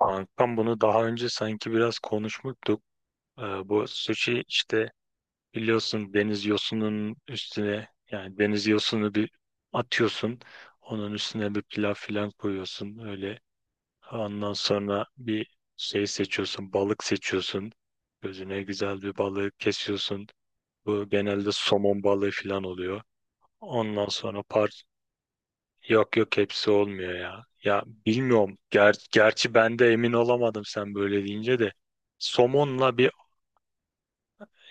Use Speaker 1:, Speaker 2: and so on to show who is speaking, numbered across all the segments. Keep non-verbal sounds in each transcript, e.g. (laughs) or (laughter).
Speaker 1: Kankam bunu daha önce sanki biraz konuşmuştuk. Ee, Bu sushi işte biliyorsun deniz yosunun üstüne, yani deniz yosunu bir atıyorsun. Onun üstüne bir pilav filan koyuyorsun öyle. Ondan sonra bir şey seçiyorsun, balık seçiyorsun. Gözüne güzel bir balığı kesiyorsun. Bu genelde somon balığı filan oluyor. Ondan sonra yok yok, hepsi olmuyor ya. Ya bilmiyorum. Gerçi ben de emin olamadım sen böyle deyince de. Somonla bir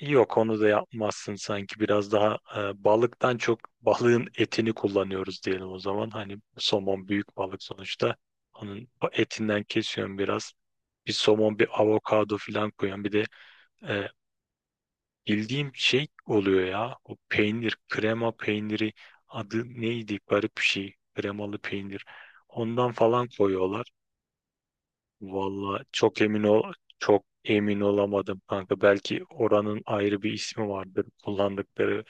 Speaker 1: Yok, onu da yapmazsın sanki. Biraz daha balıktan çok balığın etini kullanıyoruz diyelim o zaman. Hani somon büyük balık sonuçta. Onun etinden kesiyorum biraz. Bir somon, bir avokado falan koyuyorum. E, Bildiğim şey oluyor ya. O peynir, krema peyniri, adı neydi? Garip bir şey. Kremalı peynir. Ondan falan koyuyorlar. Valla çok emin ol, Çok emin olamadım kanka. Belki oranın ayrı bir ismi vardır kullandıkları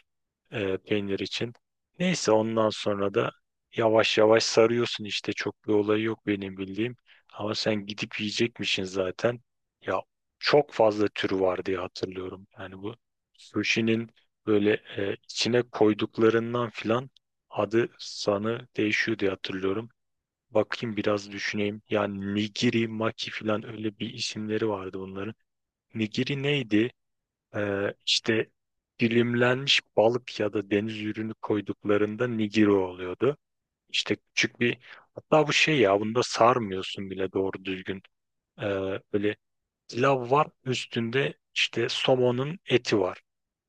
Speaker 1: peynir için. Neyse, ondan sonra da yavaş yavaş sarıyorsun işte. Çok bir olayı yok benim bildiğim. Ama sen gidip yiyecekmişsin zaten. Ya Çok fazla türü var diye hatırlıyorum. Yani bu sushi'nin böyle içine koyduklarından filan adı sanı değişiyor diye hatırlıyorum. Bakayım, biraz düşüneyim. Yani nigiri, maki filan, öyle bir isimleri vardı bunların. Nigiri neydi? İşte dilimlenmiş balık ya da deniz ürünü koyduklarında nigiro oluyordu. İşte küçük bir Hatta bu şey ya, bunda sarmıyorsun bile doğru düzgün. Böyle pilav var üstünde, işte somonun eti var.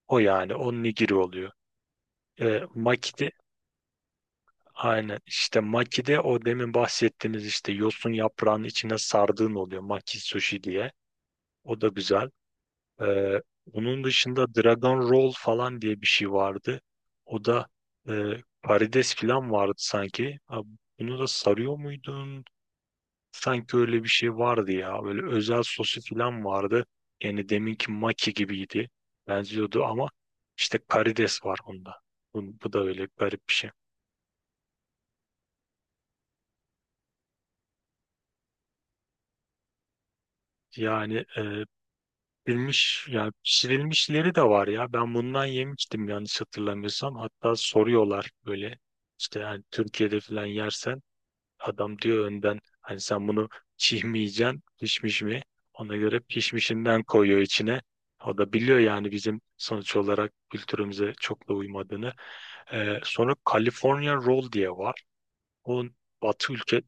Speaker 1: O yani o nigiri oluyor. Makide Aynen, işte makide o demin bahsettiğimiz işte yosun yaprağının içine sardığın oluyor, maki sushi diye. O da güzel. Ee, Onun dışında Dragon Roll falan diye bir şey vardı. O da e, karides falan vardı sanki. Ha, bunu da sarıyor muydun? Sanki öyle bir şey vardı ya. Böyle özel sosu falan vardı. Yani deminki maki gibiydi. Benziyordu ama işte karides var onda. Bu da öyle garip bir şey. Yani e, Pişirilmiş, ya pişirilmişleri de var ya. Ben bundan yemiştim yanlış hatırlamıyorsam. Hatta soruyorlar böyle, işte yani Türkiye'de falan yersen adam diyor önden, hani sen bunu çiğ mi yiyeceksin, pişmiş mi? Ona göre pişmişinden koyuyor içine. O da biliyor yani bizim sonuç olarak kültürümüze çok da uymadığını. Sonra California Roll diye var. O batı ülke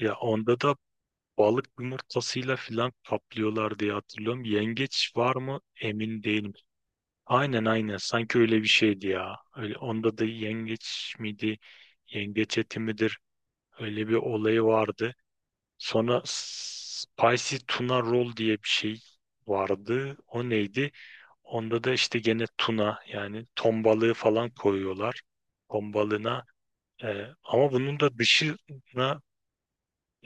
Speaker 1: Ya onda da balık yumurtasıyla filan kaplıyorlar diye hatırlıyorum. Yengeç var mı emin değilim. Aynen aynen, sanki öyle bir şeydi ya. Öyle, onda da yengeç miydi? Yengeç eti midir? Öyle bir olayı vardı. Sonra spicy tuna roll diye bir şey vardı. O neydi? Onda da işte gene tuna, yani ton balığı falan koyuyorlar. Ton balığına ama bunun da dışına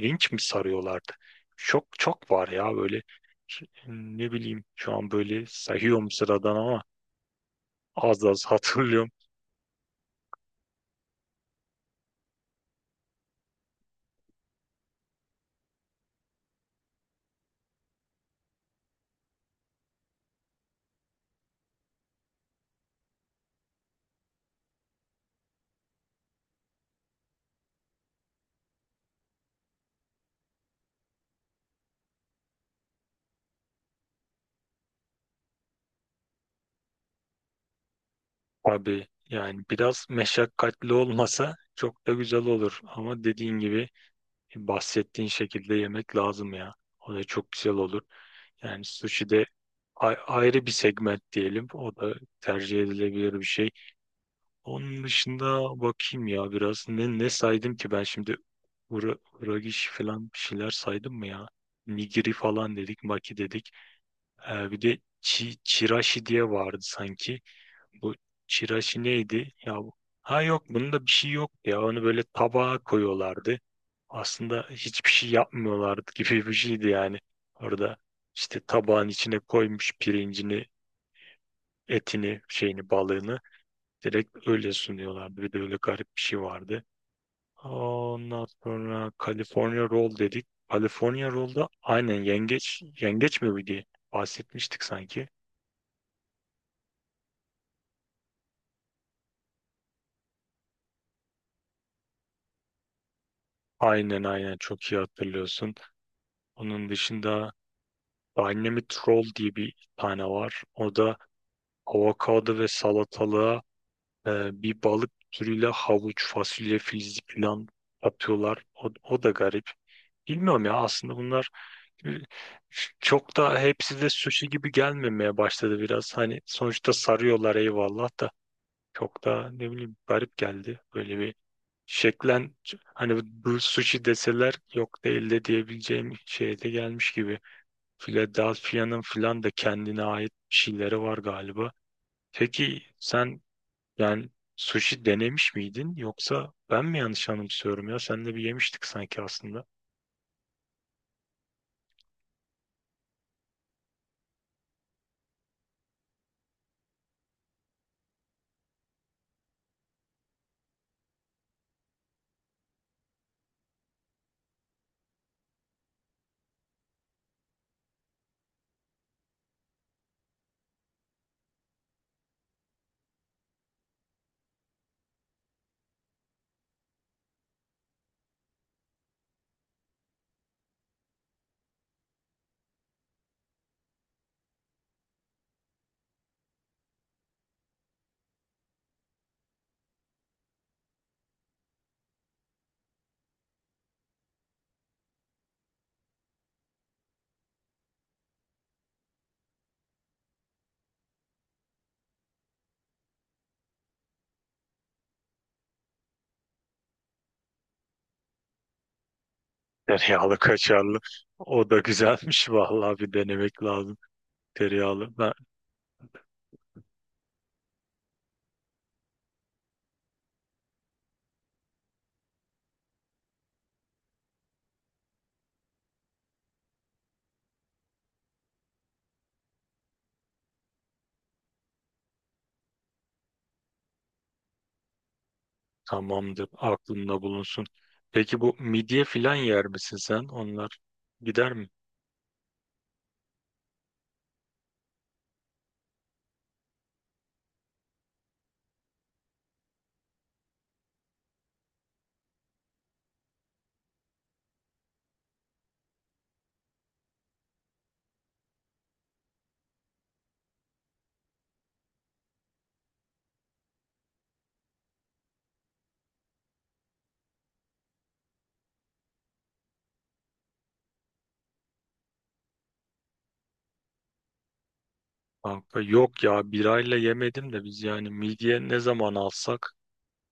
Speaker 1: linç mi sarıyorlardı? Çok çok var ya böyle, ne bileyim şu an böyle sayıyorum sıradan ama az az (laughs) hatırlıyorum. Abi yani biraz meşakkatli olmasa çok da güzel olur. Ama dediğin gibi bahsettiğin şekilde yemek lazım ya. O da çok güzel olur. Yani sushi de ayrı bir segment diyelim. O da tercih edilebilir bir şey. Onun dışında bakayım ya biraz. Ne saydım ki ben şimdi? Ura, Uragishi falan bir şeyler saydım mı ya? Nigiri falan dedik, maki dedik. Bir de chirashi diye vardı sanki. Bu çiraşi neydi? Ha yok, bunda bir şey yok ya. Onu böyle tabağa koyuyorlardı. Aslında hiçbir şey yapmıyorlardı (laughs) gibi bir şeydi yani. Orada işte tabağın içine koymuş pirincini, etini, şeyini, balığını, direkt öyle sunuyorlardı. Bir de öyle garip bir şey vardı. Ondan sonra California Roll dedik. California Roll'da aynen yengeç, yengeç mi bu diye bahsetmiştik sanki. Aynen aynen, çok iyi hatırlıyorsun. Onun dışında Dynamite Roll diye bir tane var. O da avokado ve salatalığa bir balık türüyle havuç, fasulye, filizli falan atıyorlar. O da garip. Bilmiyorum ya, aslında bunlar e, çok da, hepsi de sushi gibi gelmemeye başladı biraz. Hani sonuçta sarıyorlar eyvallah da, çok da ne bileyim garip geldi. Böyle bir şeklen, hani bu sushi deseler yok değil de diyebileceğim şeye de gelmiş gibi. Philadelphia'nın filan da kendine ait bir şeyleri var galiba. Peki sen yani sushi denemiş miydin, yoksa ben mi yanlış anımsıyorum ya? Seninle bir yemiştik sanki aslında. Tereyağlı kaşarlı. O da güzelmiş vallahi, bir denemek lazım. Tereyağlı. Ben, Tamamdır. Aklında bulunsun. Peki bu midye filan yer misin sen? Onlar gider mi? Kanka yok ya, birayla yemedim de biz yani midye ne zaman alsak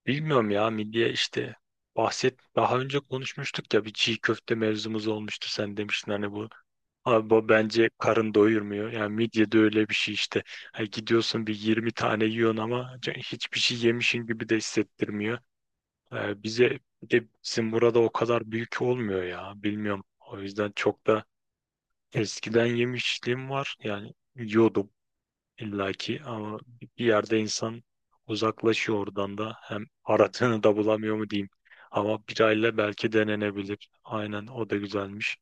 Speaker 1: bilmiyorum ya, midye işte daha önce konuşmuştuk ya, bir çiğ köfte mevzumuz olmuştu, sen demiştin hani bu abi bu bence karın doyurmuyor, yani midye de öyle bir şey işte. Ha, gidiyorsun bir 20 tane yiyorsun ama hiçbir şey yemişin gibi de hissettirmiyor. Bize Bir de bizim burada o kadar büyük olmuyor ya. Bilmiyorum. O yüzden çok da, eskiden yemişliğim var. Yani yiyordum illaki ama bir yerde insan uzaklaşıyor oradan da. Hem aradığını da bulamıyor mu diyeyim. Ama birayla belki denenebilir. Aynen, o da güzelmiş.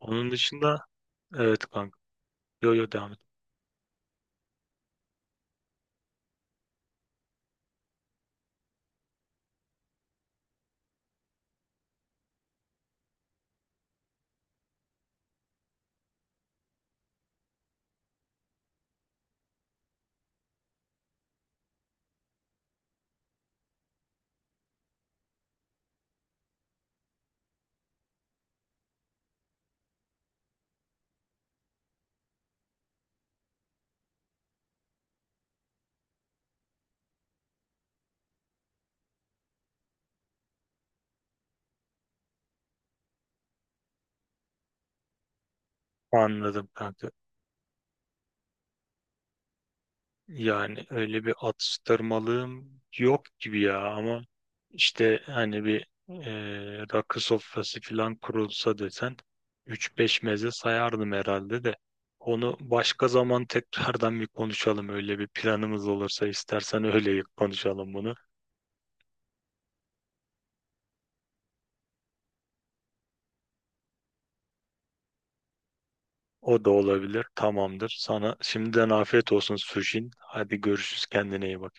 Speaker 1: Onun dışında evet kanka. Yo yo, devam et. Anladım kanka. Yani öyle bir atıştırmalığım yok gibi ya ama işte hani bir rakı sofrası falan kurulsa desen üç beş meze sayardım herhalde de, onu başka zaman (laughs) tekrardan bir konuşalım. Öyle bir planımız olursa istersen öyle konuşalım bunu. O da olabilir, tamamdır. Sana şimdiden afiyet olsun Sujin, hadi görüşürüz, kendine iyi bak.